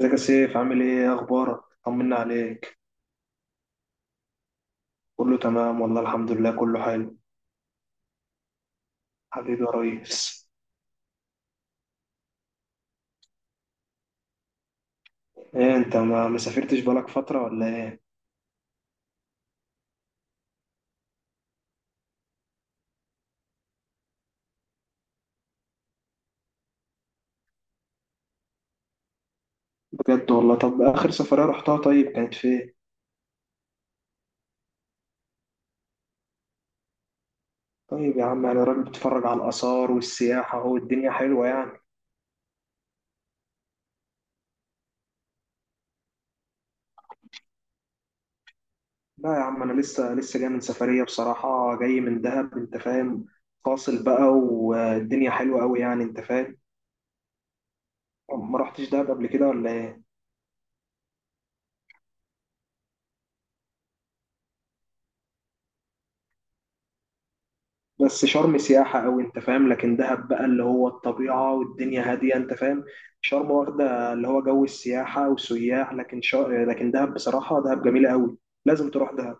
ازيك يا سيف؟ عامل ايه؟ إيه اخبارك؟ طمنا عليك. كله تمام والله، الحمد لله كله حلو. حبيبي يا ريس. ايه انت ما سافرتش بقالك فترة ولا ايه؟ بجد والله؟ طب اخر سفرية رحتها طيب كانت فين؟ طيب يا عم انا راجل بتفرج على الاثار والسياحة، اهو الدنيا حلوة يعني. لا يا عم انا لسه جاي من سفرية بصراحة، جاي من دهب انت فاهم، فاصل بقى والدنيا حلوة قوي يعني انت فاهم. ما رحتش دهب قبل كده ولا ايه؟ بس شرم سياحة أوي أنت فاهم، لكن دهب بقى اللي هو الطبيعة والدنيا هادية أنت فاهم. شرم واخدة اللي هو جو السياحة وسياح، لكن دهب بصراحة، دهب جميلة أوي. لازم تروح دهب.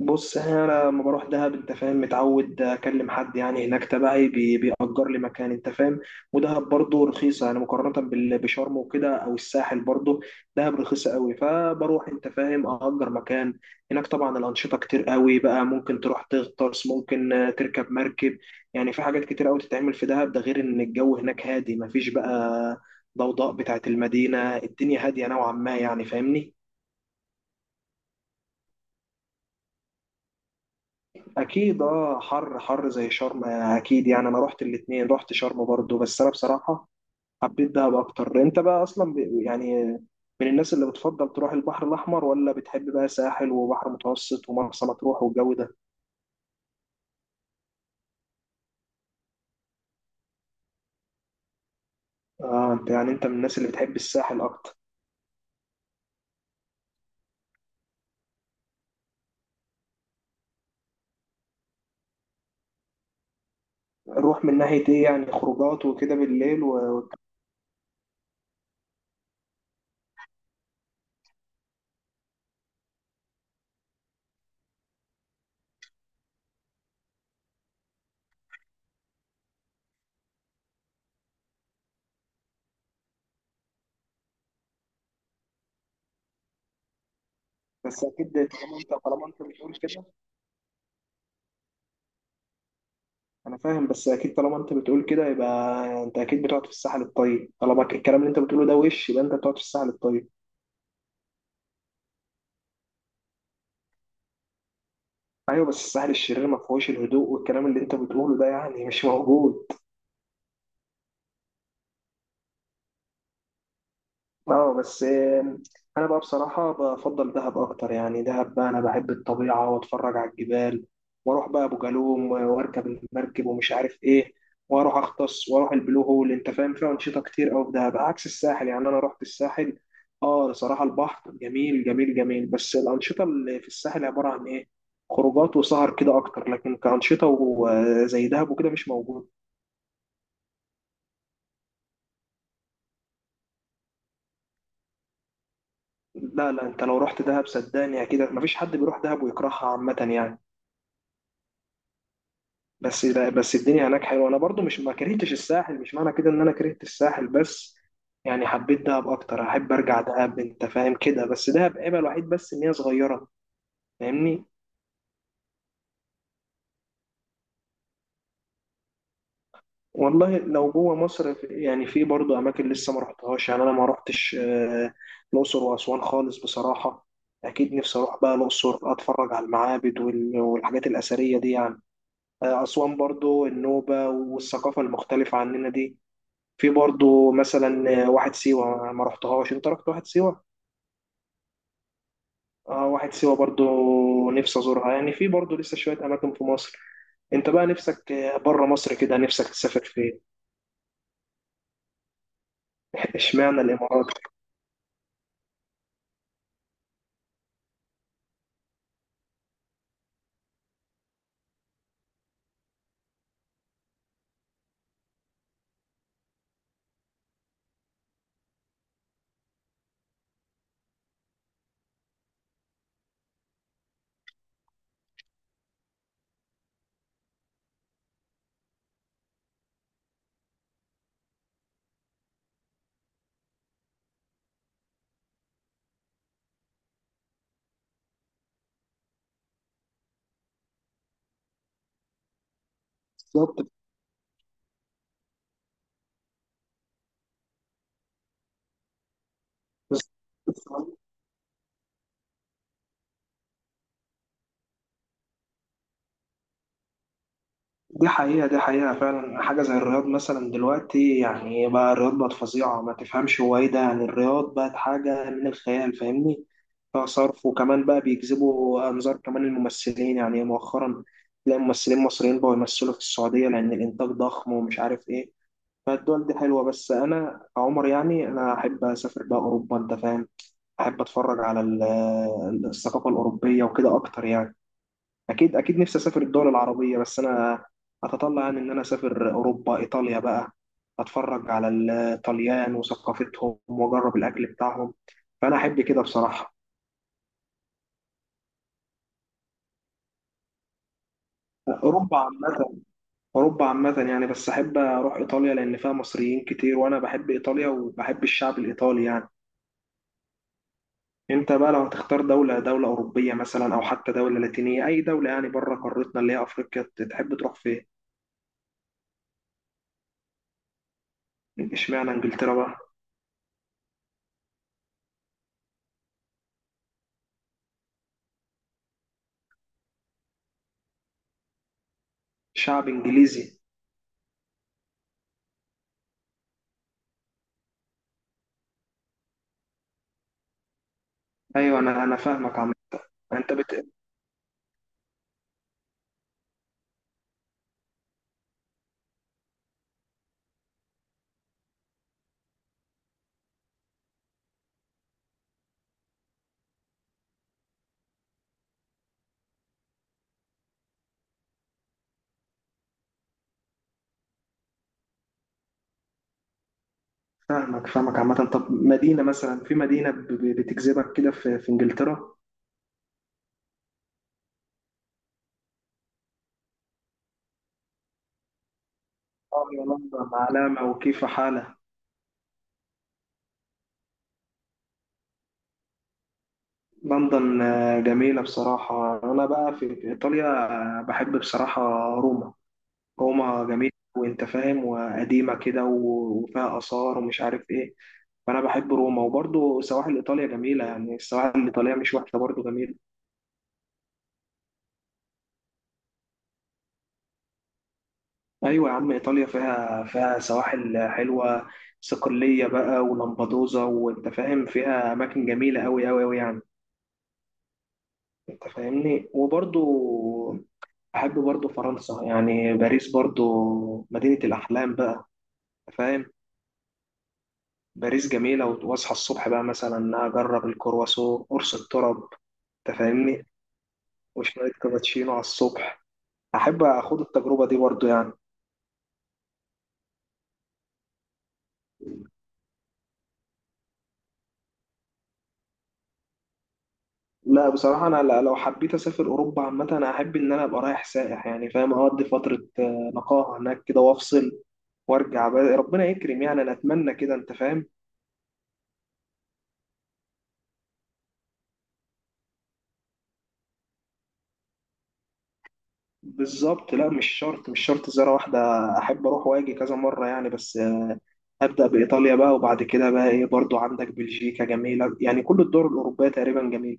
بص، يعني انا لما بروح دهب انت فاهم متعود اكلم حد يعني هناك تبعي بيأجر لي مكان انت فاهم. ودهب برضه رخيصه يعني مقارنه بشرم وكده او الساحل برضه. دهب رخيصه قوي، فبروح انت فاهم اأجر مكان هناك. طبعا الانشطه كتير قوي بقى، ممكن تروح تغطس، ممكن تركب مركب، يعني في حاجات كتير قوي تتعمل في دهب، ده غير ان الجو هناك هادي، مفيش بقى ضوضاء بتاعت المدينه، الدنيا هاديه نوعا ما يعني فاهمني. اكيد اه، حر حر زي شرم اكيد يعني، انا رحت الاتنين، رحت شرم برضو، بس انا بصراحة حبيت دهب اكتر. انت بقى اصلا يعني من الناس اللي بتفضل تروح البحر الاحمر، ولا بتحب بقى ساحل وبحر متوسط ومرسى مطروح والجو ده؟ اه انت يعني انت من الناس اللي بتحب الساحل اكتر. روح من ناحية ايه يعني؟ خروجات وكده بالليل؟ بس اكيد طالما انت بتقول كده، انا فاهم، بس اكيد طالما انت بتقول كده يبقى انت اكيد بتقعد في الساحل الطيب، طالما الكلام اللي انت بتقوله ده، وش يبقى انت بتقعد في الساحل الطيب. ايوه بس الساحل الشرير ما فيهوش الهدوء، والكلام اللي انت بتقوله ده يعني مش موجود. اه بس انا بقى بصراحه بفضل دهب اكتر يعني. دهب بقى انا بحب الطبيعه واتفرج على الجبال، واروح بقى ابو جالوم واركب المركب ومش عارف ايه، واروح اغطس واروح البلو هول انت فاهم. فيها انشطه كتير قوي في دهب عكس الساحل. يعني انا رحت الساحل، اه بصراحه البحر جميل جميل جميل، بس الانشطه اللي في الساحل عباره عن ايه؟ خروجات وسهر كده اكتر، لكن كانشطه زي دهب وكده مش موجود. لا لا، انت لو رحت دهب صدقني اكيد مفيش حد بيروح دهب ويكرهها عامة يعني. بس لا، بس الدنيا هناك حلوة، انا برضو مش ما كرهتش الساحل، مش معنى كده ان انا كرهت الساحل، بس يعني حبيت دهب اكتر، احب ارجع دهب انت فاهم كده، بس دهب عيبها الوحيد بس ان هي صغيرة، فاهمني. والله لو جوه مصر يعني في برضو اماكن لسه ما رحتهاش، يعني انا ما رحتش الاقصر واسوان خالص بصراحة. اكيد نفسي اروح بقى الاقصر، اتفرج على المعابد وال- والحاجات الاثرية دي يعني. أسوان برضو النوبة والثقافة المختلفة عننا دي. في برضو مثلا واحد سيوة ما رحتهاش، انت رحت واحد سيوة؟ اه، واحد سيوة برضو نفسي أزورها يعني، في برضو لسه شوية أماكن في مصر. انت بقى نفسك بره مصر كده نفسك تسافر فين؟ اشمعنى الإمارات؟ بالظبط. دي حقيقة، دي حقيقة فعلا، حاجة زي الرياض مثلا دلوقتي يعني، بقى الرياض بقت فظيعة، ما تفهمش هو ايه ده يعني، الرياض بقت حاجة من الخيال فاهمني. فيها صرف، وكمان بقى بيجذبوا أنظار كمان الممثلين يعني مؤخرا، تلاقي ممثلين مصريين بقوا يمثلوا في السعودية لأن الإنتاج ضخم ومش عارف ايه. فالدول دي حلوة، بس أنا كعمر يعني أنا أحب أسافر بقى أوروبا أنت فاهم. أحب أتفرج على الثقافة الأوروبية وكده أكتر يعني. اكيد اكيد نفسي اسافر الدول العربيه، بس انا اتطلع يعني ان انا اسافر اوروبا، ايطاليا بقى، اتفرج على الطليان وثقافتهم واجرب الاكل بتاعهم، فانا احب كده بصراحه. اوروبا عامه. اوروبا عامه يعني، بس احب اروح ايطاليا لان فيها مصريين كتير، وانا بحب ايطاليا وبحب الشعب الايطالي يعني. انت بقى لو هتختار دوله اوروبيه مثلا، او حتى دوله لاتينيه، اي دوله يعني بره قارتنا اللي هي افريقيا، تحب تروح فين؟ اشمعنى انجلترا بقى؟ شعب انجليزي. ايوه، انا فاهمك عم. انت فاهمك فاهمك عامة. طب مدينة مثلا، في مدينة بتجذبك كده في, في انجلترا؟ اه يا لندن علامة وكيف حالة. لندن جميلة بصراحة. انا بقى في في ايطاليا، بحب بصراحة روما. روما جميلة وانت فاهم، وقديمة كده وفيها آثار ومش عارف ايه، فانا بحب روما. وبرضو سواحل ايطاليا جميلة يعني، السواحل الايطالية مش وحشة، برضو جميلة. ايوه يا عم، ايطاليا فيها فيها سواحل حلوه، صقليه بقى ولمبدوزا وانت فاهم، فيها اماكن جميله قوي قوي قوي يعني. انت فاهمني. وبرضو احب برضو فرنسا يعني، باريس برضو مدينه الاحلام بقى. أنت فاهم، باريس جميله، واصحى الصبح بقى مثلا اجرب الكرواسون قرص الطرب، انت فاهمني، وشويه كابتشينو على الصبح، احب اخد التجربه دي برضو يعني. لا بصراحة أنا لو حبيت أسافر أوروبا عامة، أنا أحب إن أنا أبقى رايح سائح يعني فاهم، أقضي فترة نقاهة هناك كده وأفصل وأرجع بقى، ربنا يكرم يعني، أنا أتمنى كده أنت فاهم. بالظبط، لا مش شرط، مش شرط زيارة واحدة، أحب أروح وأجي كذا مرة يعني، بس أبدأ بإيطاليا بقى، وبعد كده بقى إيه، برضو عندك بلجيكا جميلة يعني، كل الدول الأوروبية تقريبا جميلة.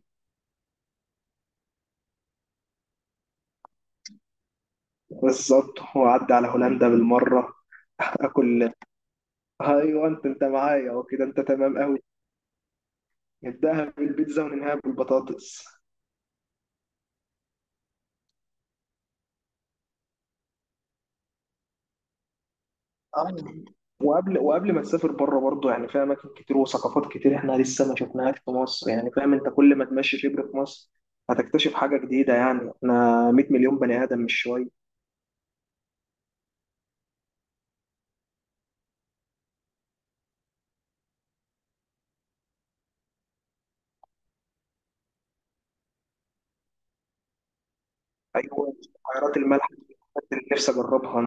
بالظبط، وأعدي على هولندا بالمرة. أكل. أيوه، أنت أنت معايا وكده، أنت تمام أوي. نبدأها بالبيتزا وننهاها بالبطاطس. اه، وقبل ما تسافر بره برضه يعني، في اماكن كتير وثقافات كتير احنا لسه ما شفناهاش في مصر، يعني فاهم انت، كل ما تمشي شبر في مصر هتكتشف حاجه جديده يعني، احنا 100 مليون بني ادم، مش شويه. ايوه البحيرات المالحه دي اللي نفسي اجربها.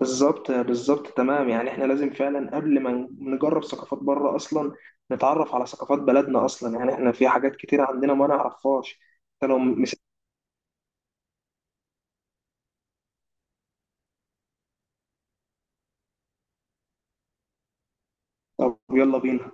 بالظبط بالظبط، تمام يعني، احنا لازم فعلا قبل ما نجرب ثقافات بره، اصلا نتعرف على ثقافات بلدنا اصلا يعني، احنا في حاجات كتير عندنا ما نعرفهاش. فلو مثال. طب يلا بينا.